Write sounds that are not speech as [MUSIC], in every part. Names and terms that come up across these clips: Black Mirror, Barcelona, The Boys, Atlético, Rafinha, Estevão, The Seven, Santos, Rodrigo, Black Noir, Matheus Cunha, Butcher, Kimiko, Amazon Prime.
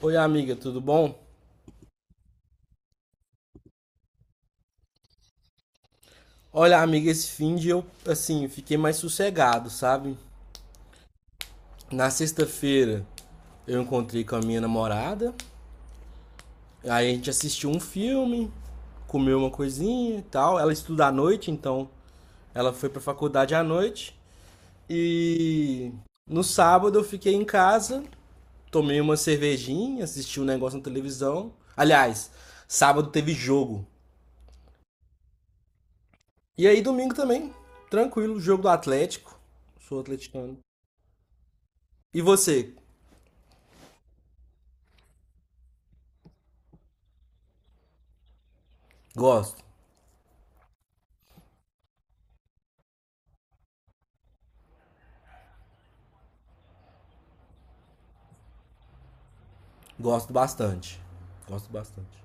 Oi, amiga, tudo bom? Olha, amiga, esse fim de eu, assim, fiquei mais sossegado, sabe? Na sexta-feira eu encontrei com a minha namorada, aí a gente assistiu um filme, comeu uma coisinha e tal. Ela estuda à noite, então ela foi pra faculdade à noite. E no sábado eu fiquei em casa, tomei uma cervejinha, assisti um negócio na televisão. Aliás, sábado teve jogo. E aí domingo também, tranquilo, jogo do Atlético. Sou atleticano. E você? Gosto. Gosto bastante. Gosto bastante.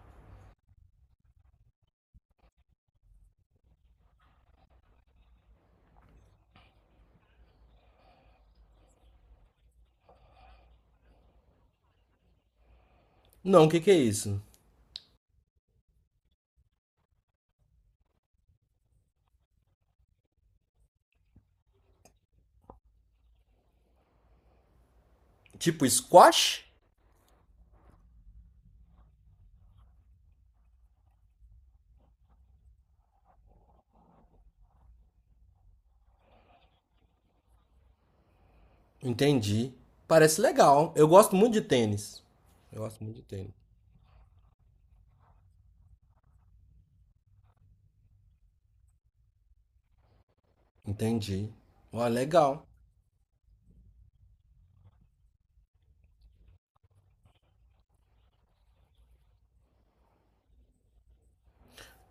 Não, o que que é isso? Tipo squash? Entendi. Parece legal. Eu gosto muito de tênis. Eu gosto muito de tênis. Entendi. Ó, legal.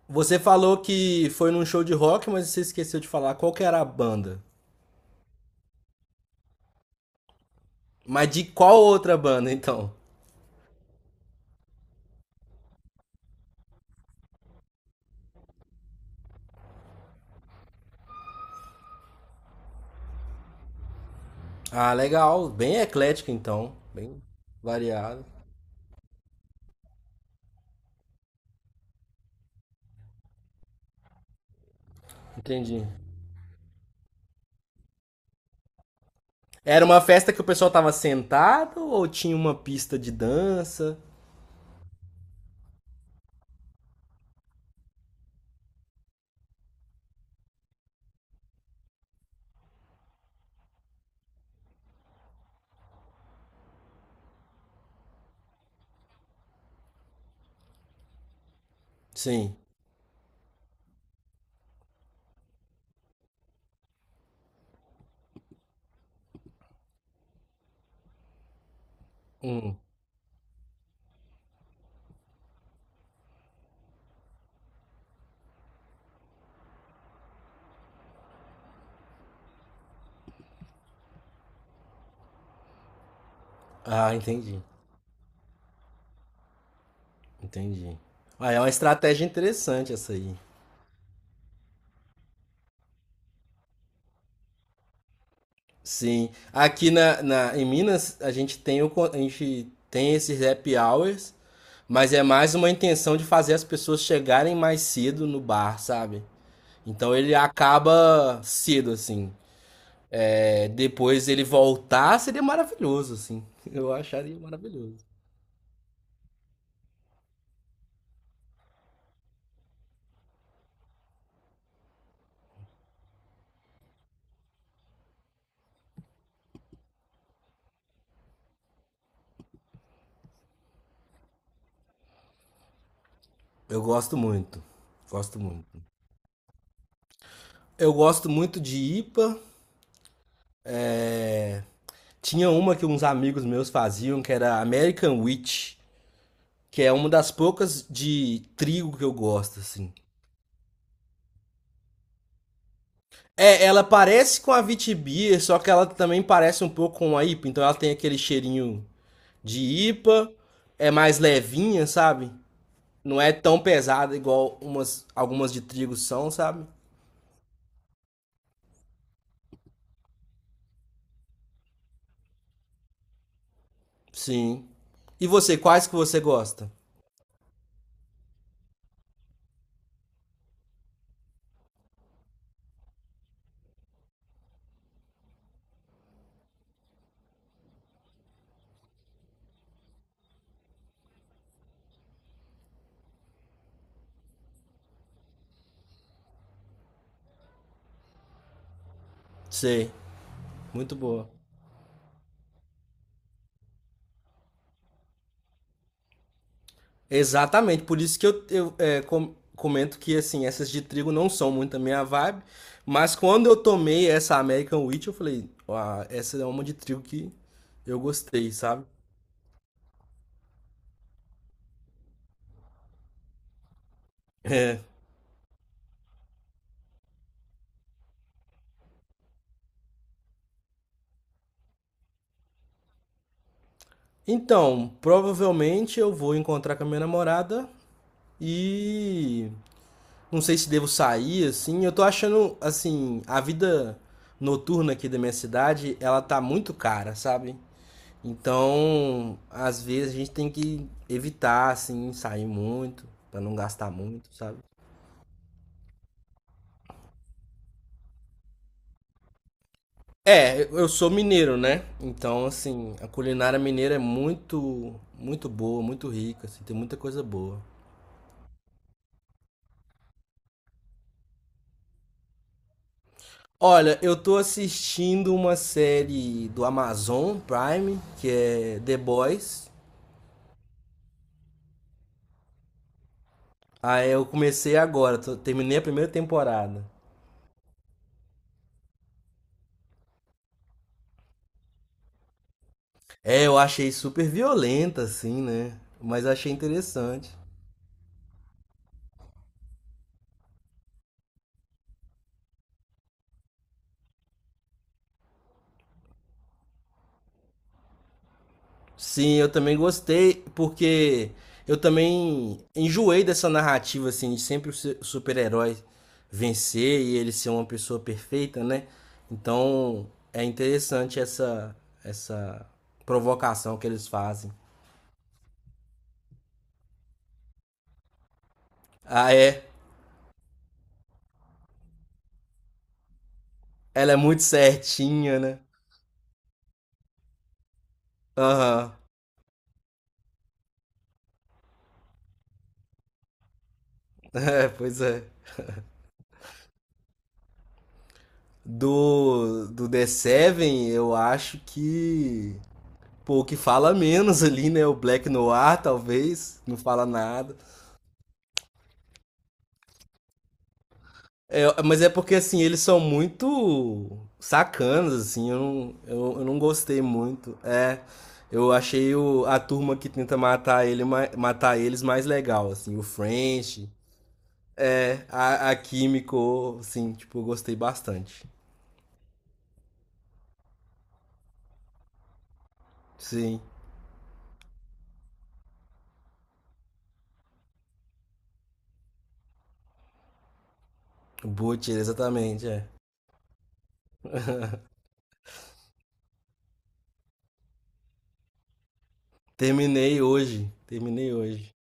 Você falou que foi num show de rock, mas você esqueceu de falar qual que era a banda. Mas de qual outra banda, então? Ah, legal. Bem eclético então. Bem variado. Entendi. Era uma festa que o pessoal tava sentado ou tinha uma pista de dança? Sim. Hum. Ah, entendi. Entendi. Ah, é uma estratégia interessante essa aí. Sim. Aqui em Minas, a gente tem a gente tem esses happy hours, mas é mais uma intenção de fazer as pessoas chegarem mais cedo no bar, sabe? Então ele acaba cedo, assim. É, depois ele voltar seria maravilhoso, assim. [LAUGHS] Eu acharia maravilhoso. Eu gosto muito. Gosto muito. Eu gosto muito de IPA. Tinha uma que uns amigos meus faziam, que era American Wheat, que é uma das poucas de trigo que eu gosto, assim. É, ela parece com a Witbier, só que ela também parece um pouco com a IPA, então ela tem aquele cheirinho de IPA, é mais levinha, sabe? Não é tão pesada igual umas, algumas de trigo são, sabe? Sim. E você, quais que você gosta? Sei, muito boa. Exatamente, por isso que eu é, comento que assim, essas de trigo não são muito a minha vibe, mas quando eu tomei essa American Wheat, eu falei, ah, essa é uma de trigo que eu gostei, sabe? [LAUGHS] É. Então, provavelmente eu vou encontrar com a minha namorada e não sei se devo sair assim. Eu tô achando assim, a vida noturna aqui da minha cidade, ela tá muito cara, sabe? Então, às vezes a gente tem que evitar, assim, sair muito, pra não gastar muito, sabe? É, eu sou mineiro, né? Então, assim, a culinária mineira é muito, muito boa, muito rica, assim, tem muita coisa boa. Olha, eu tô assistindo uma série do Amazon Prime, que é The Boys. Aí eu comecei agora, terminei a primeira temporada. É, eu achei super violenta, assim, né? Mas eu achei interessante. Sim, eu também gostei, porque eu também enjoei dessa narrativa, assim, de sempre o super-herói vencer e ele ser uma pessoa perfeita, né? Então é interessante essa provocação que eles fazem. Ah, é. Ela é muito certinha, né? Aham. [LAUGHS] É, pois é. Do The Seven, eu acho que. Pô, o que fala menos ali, né? O Black Noir, talvez. Não fala nada. É, mas é porque assim, eles são muito sacanas, assim, eu não, eu não gostei muito. É, eu achei o, a turma que tenta matar ele, matar eles mais legal, assim, o French, é, a Kimiko, assim, tipo, eu gostei bastante. Sim, o Butcher, exatamente, é. Terminei hoje, terminei hoje.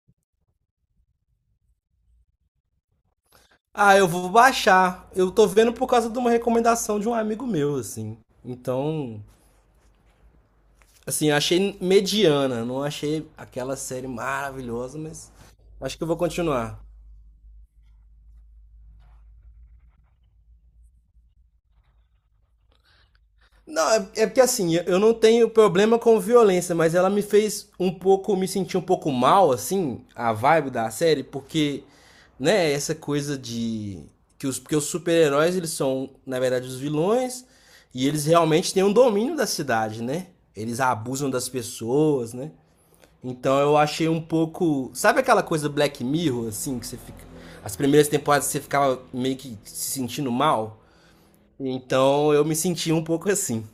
Ah, eu vou baixar. Eu tô vendo por causa de uma recomendação de um amigo meu, assim. Então, assim, eu achei mediana, não achei aquela série maravilhosa, mas acho que eu vou continuar. Não, é, é porque assim, eu não tenho problema com violência, mas ela me fez um pouco, me sentir um pouco mal, assim, a vibe da série, porque, né, essa coisa de que os, porque os super-heróis, eles são, na verdade, os vilões, e eles realmente têm um domínio da cidade, né? Eles abusam das pessoas, né? Então eu achei um pouco. Sabe aquela coisa Black Mirror, assim, que você fica. As primeiras temporadas você ficava meio que se sentindo mal? Então eu me sentia um pouco assim.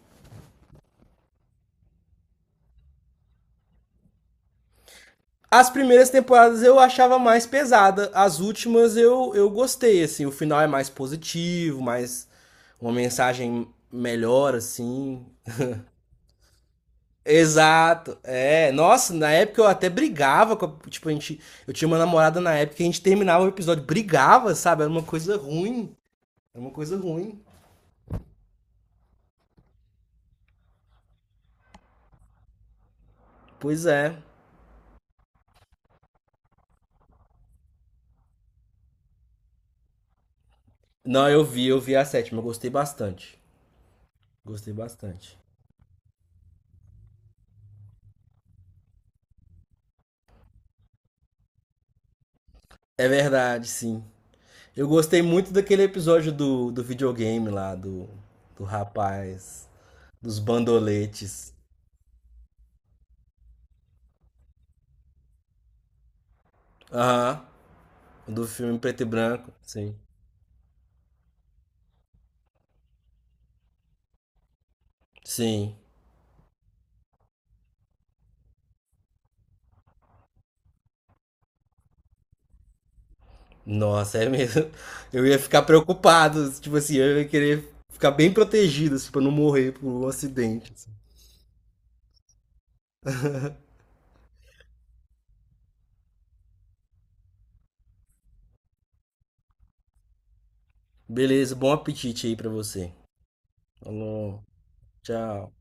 As primeiras temporadas eu achava mais pesada, as últimas eu gostei, assim, o final é mais positivo, mais uma mensagem melhor, assim. Exato, é, nossa, na época eu até brigava, com tipo, a gente, eu tinha uma namorada na época que a gente terminava o episódio, brigava, sabe, era uma coisa ruim. É uma coisa ruim. Pois é. Não, eu vi a sétima, eu gostei bastante. Gostei bastante. É verdade, sim. Eu gostei muito daquele episódio do videogame lá, do, do rapaz, dos bandoletes. Aham, do filme preto e branco. Sim. Sim. Nossa, é mesmo. [LAUGHS] Eu ia ficar preocupado, tipo assim, eu ia querer ficar bem protegido, assim, pra não morrer por um acidente. Assim. Beleza, bom apetite aí pra você. Falou, tchau.